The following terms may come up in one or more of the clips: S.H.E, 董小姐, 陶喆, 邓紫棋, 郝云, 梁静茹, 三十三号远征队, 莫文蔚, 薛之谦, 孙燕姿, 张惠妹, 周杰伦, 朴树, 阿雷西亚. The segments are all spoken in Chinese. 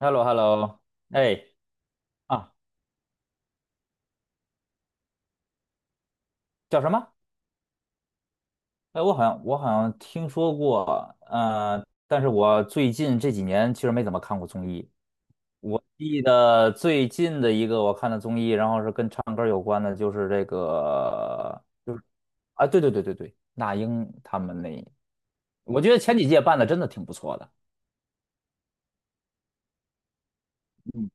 h e l l o h e l l o 哎啊，叫什么？哎，我好像听说过，但是我最近这几年其实没怎么看过综艺。我记得最近的一个我看的综艺，然后是跟唱歌有关的，就是这个，就是啊，对对对对对，那英他们那，我觉得前几届办的真的挺不错的。嗯，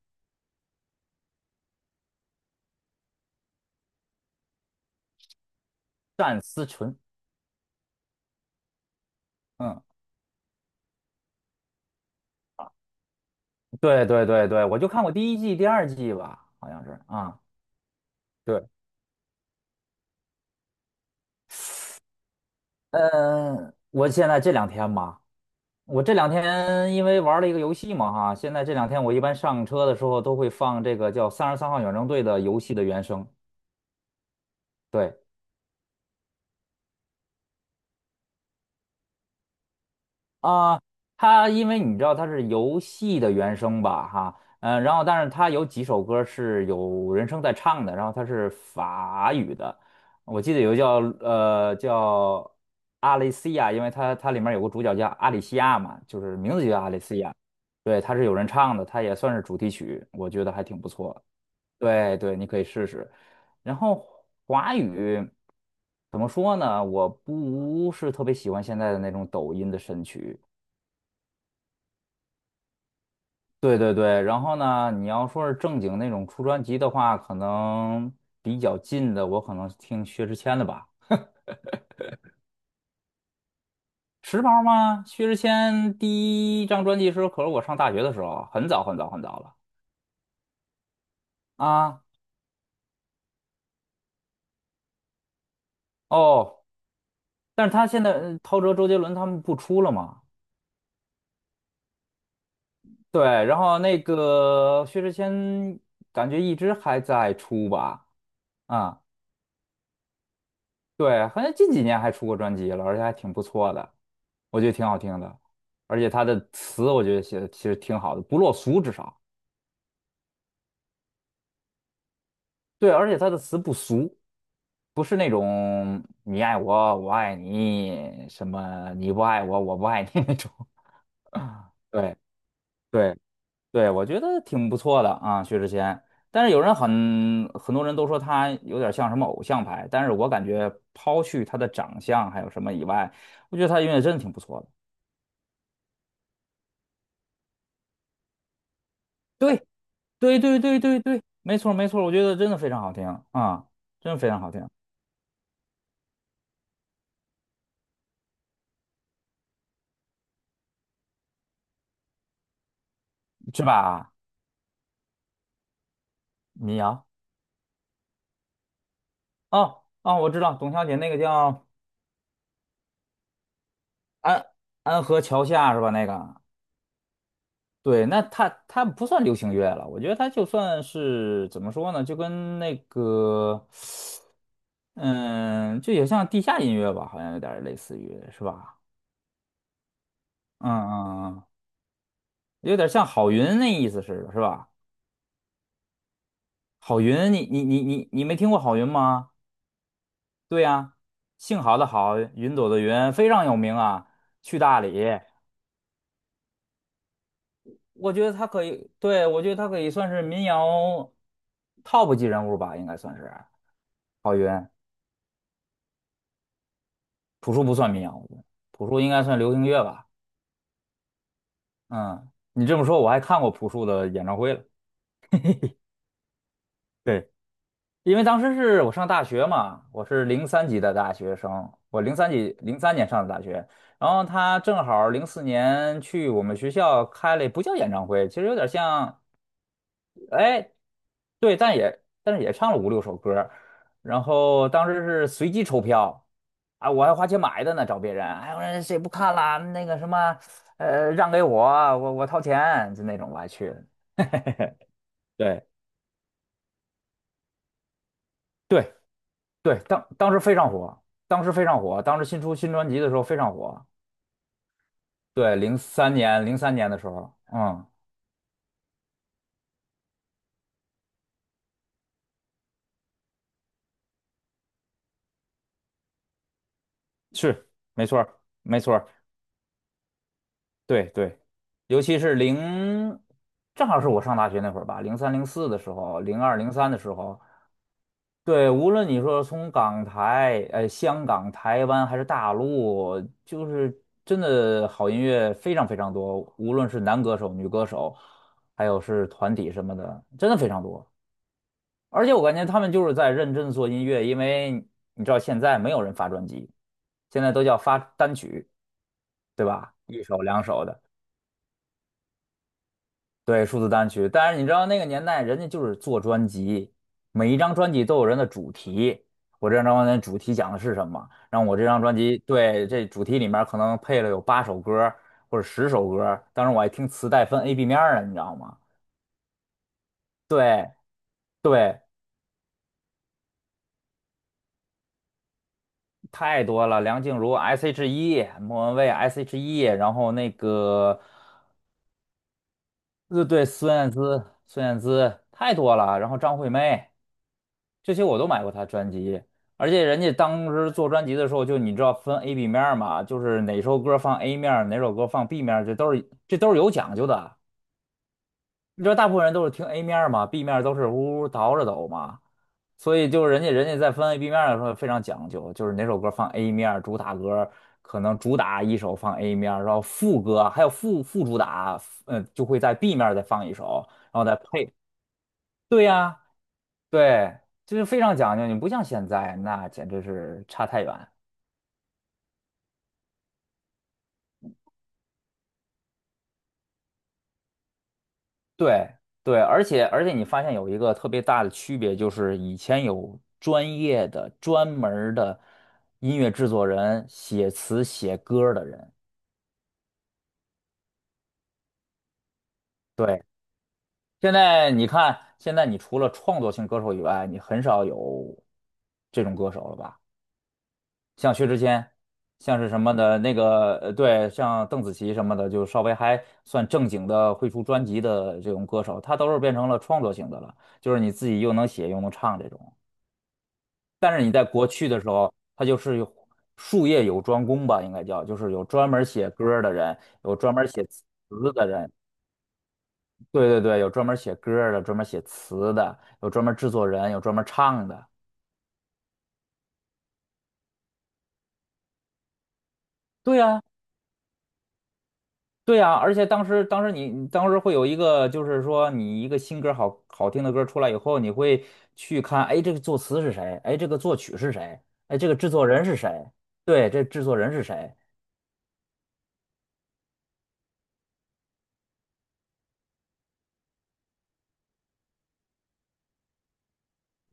单思纯，嗯，对对对对，我就看过第一季、第二季吧，好像是啊，对，嗯、我现在这两天吧。我这两天因为玩了一个游戏嘛，哈，现在这两天我一般上车的时候都会放这个叫《三十三号远征队》的游戏的原声。对啊，它因为你知道它是游戏的原声吧，哈，嗯，然后但是它有几首歌是有人声在唱的，然后它是法语的，我记得有个叫阿雷西亚，因为它里面有个主角叫阿里西亚嘛，就是名字就叫阿雷西亚，对，它是有人唱的，它也算是主题曲，我觉得还挺不错。对对，你可以试试。然后华语怎么说呢？我不是特别喜欢现在的那种抖音的神曲。对对对，然后呢，你要说是正经那种出专辑的话，可能比较近的，我可能听薛之谦的吧。时髦吗？薛之谦第一张专辑是可是我上大学的时候，很早很早很早了啊。哦，但是他现在陶喆、周杰伦他们不出了吗？对，然后那个薛之谦感觉一直还在出吧，啊、对，好像近几年还出过专辑了，而且还挺不错的，我觉得挺好听的，而且他的词我觉得写的其实挺好的，不落俗至少，对，而且他的词不俗，不是那种你爱我我爱你什么你不爱我我不爱你那种，对对对，我觉得挺不错的啊，薛之谦。但是有人很多人都说他有点像什么偶像派，但是我感觉抛去他的长相还有什么以外，我觉得他音乐真的挺不错的。对，对，对，对，对，对，没错，没错，我觉得真的非常好听啊，真的非常好听，是吧？民谣，哦哦，我知道，董小姐那个叫安安河桥下是吧？那个。对，那他不算流行乐了，我觉得他就算是怎么说呢，就跟那个。嗯，就也像地下音乐吧，好像有点儿类似于，是吧？嗯嗯嗯，有点像郝云那意思似的，是吧？郝云，你没听过郝云吗？对呀，姓郝的郝，云朵的云，非常有名啊。去大理，我觉得他可以，对，我觉得他可以算是民谣 top 级人物吧，应该算是郝云。朴树不算民谣，我觉得朴树应该算流行乐吧。嗯，你这么说，我还看过朴树的演唱会了。对。因为当时是我上大学嘛，我是零三级的大学生，我零三级零三年上的大学，然后他正好零四年去我们学校开了，不叫演唱会，其实有点像，哎，对，但是也唱了五六首歌，然后当时是随机抽票，啊，我还花钱买的呢，找别人，哎，我说谁不看啦？那个什么，让给我，我掏钱，就那种我还去了，对。对，对，当时非常火，当时非常火，当时新出新专辑的时候非常火。对，零三年，零三年的时候，嗯，是，没错儿，没错儿，对对，尤其是零，正好是我上大学那会儿吧，零三零四的时候，零二零三的时候，对，无论你说从港台、香港、台湾还是大陆，就是真的好音乐非常非常多，无论是男歌手、女歌手，还有是团体什么的，真的非常多。而且我感觉他们就是在认真做音乐，因为你知道现在没有人发专辑，现在都叫发单曲，对吧？一首两首的，对，数字单曲。但是你知道那个年代，人家就是做专辑，每一张专辑都有人的主题。我这张专辑的主题讲的是什么？然后我这张专辑，对，这主题里面可能配了有八首歌或者十首歌当时我还听磁带分 A、B 面儿呢，你知道吗？对对，太多了，梁静茹 S.H.E、莫文蔚 S.H.E，然后那个，对，孙燕姿，孙燕姿太多了，然后张惠妹，这些我都买过她专辑，而且人家当时做专辑的时候，就你知道分 A、B 面儿嘛，就是哪首歌放 A 面儿，哪首歌放 B 面儿，这都是有讲究的。你知道大部分人都是听 A 面儿嘛，B 面儿都是呜呜倒着走嘛，所以就是人家在分 A B 面儿的时候非常讲究，就是哪首歌放 A 面儿主打歌可能主打一首放 A 面儿然后副歌还有副主打，嗯，就会在 B 面儿再放一首，然后再配。对呀，对，就是非常讲究，你不像现在，那简直是差太远。对对，而且你发现有一个特别大的区别，就是以前有专业的、专门儿的音乐制作人写词写歌儿的人，对。现在你看，现在你除了创作型歌手以外，你很少有这种歌手了吧？像薛之谦，像是什么的那个，对，像邓紫棋什么的，就稍微还算正经的会出专辑的这种歌手，他都是变成了创作型的了，就是你自己又能写又能唱这种。但是你在国去的时候，他就是有术业有专攻吧，应该叫，就是有专门写歌儿的人，有专门写词的人，对对对，有专门写歌儿的，专门写词的，有专门制作人，有专门唱的。对呀，对呀，而且当时，当时你当时会有一个，就是说你一个新歌好好听的歌出来以后，你会去看，哎，这个作词是谁？哎，这个作曲是谁？哎，这个制作人是谁？对，这制作人是谁？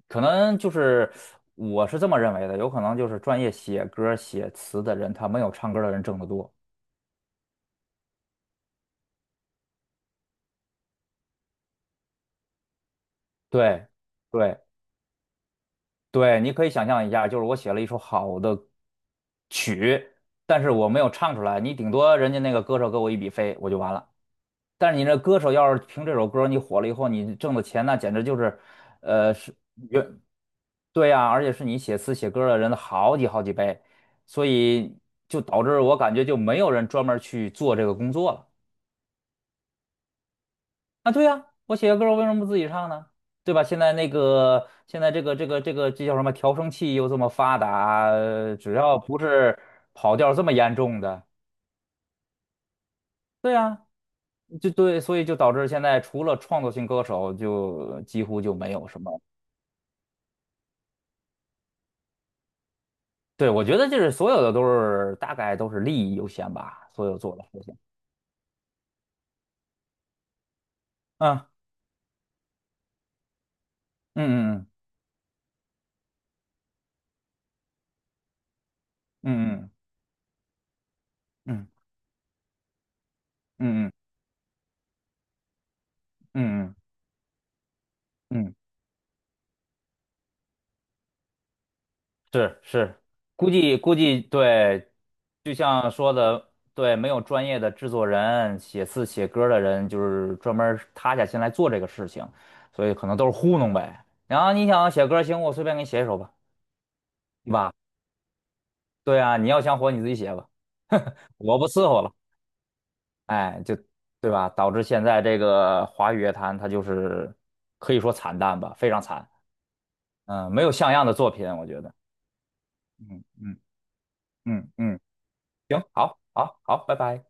可能就是我是这么认为的，有可能就是专业写歌写词的人，他没有唱歌的人挣得多。对，对，对，你可以想象一下，就是我写了一首好的曲，但是我没有唱出来，你顶多人家那个歌手给我一笔费，我就完了。但是你这歌手要是凭这首歌儿你火了以后，你挣的钱那简直就是，呃，是原对呀、而且是你写词写歌儿的人的好几好几倍，所以就导致我感觉就没有人专门儿去做这个工作了。啊，对呀、我写个歌儿我为什么不自己唱呢？对吧？现在那个现在这叫什么调声器又这么发达，只要不是跑调这么严重的。对呀，就对，所以就导致现在除了创作型歌手，就几乎就没有什么。对，我觉得就是所有的都是大概都是利益优先吧，所有做的事情。啊嗯嗯嗯嗯嗯嗯嗯嗯嗯嗯，是是，估计估计对，就像说的，对，没有专业的制作人、写字写歌的人，就是专门儿塌下心来做这个事情，所以可能都是糊弄呗。然后你想写歌，行，我随便给你写一首吧，对吧？对啊，你要想火你自己写吧，我不伺候了，哎，就对吧？导致现在这个华语乐坛它就是可以说惨淡吧，非常惨，嗯，没有像样的作品，我觉得，嗯嗯嗯嗯，行，好，好，好，拜拜。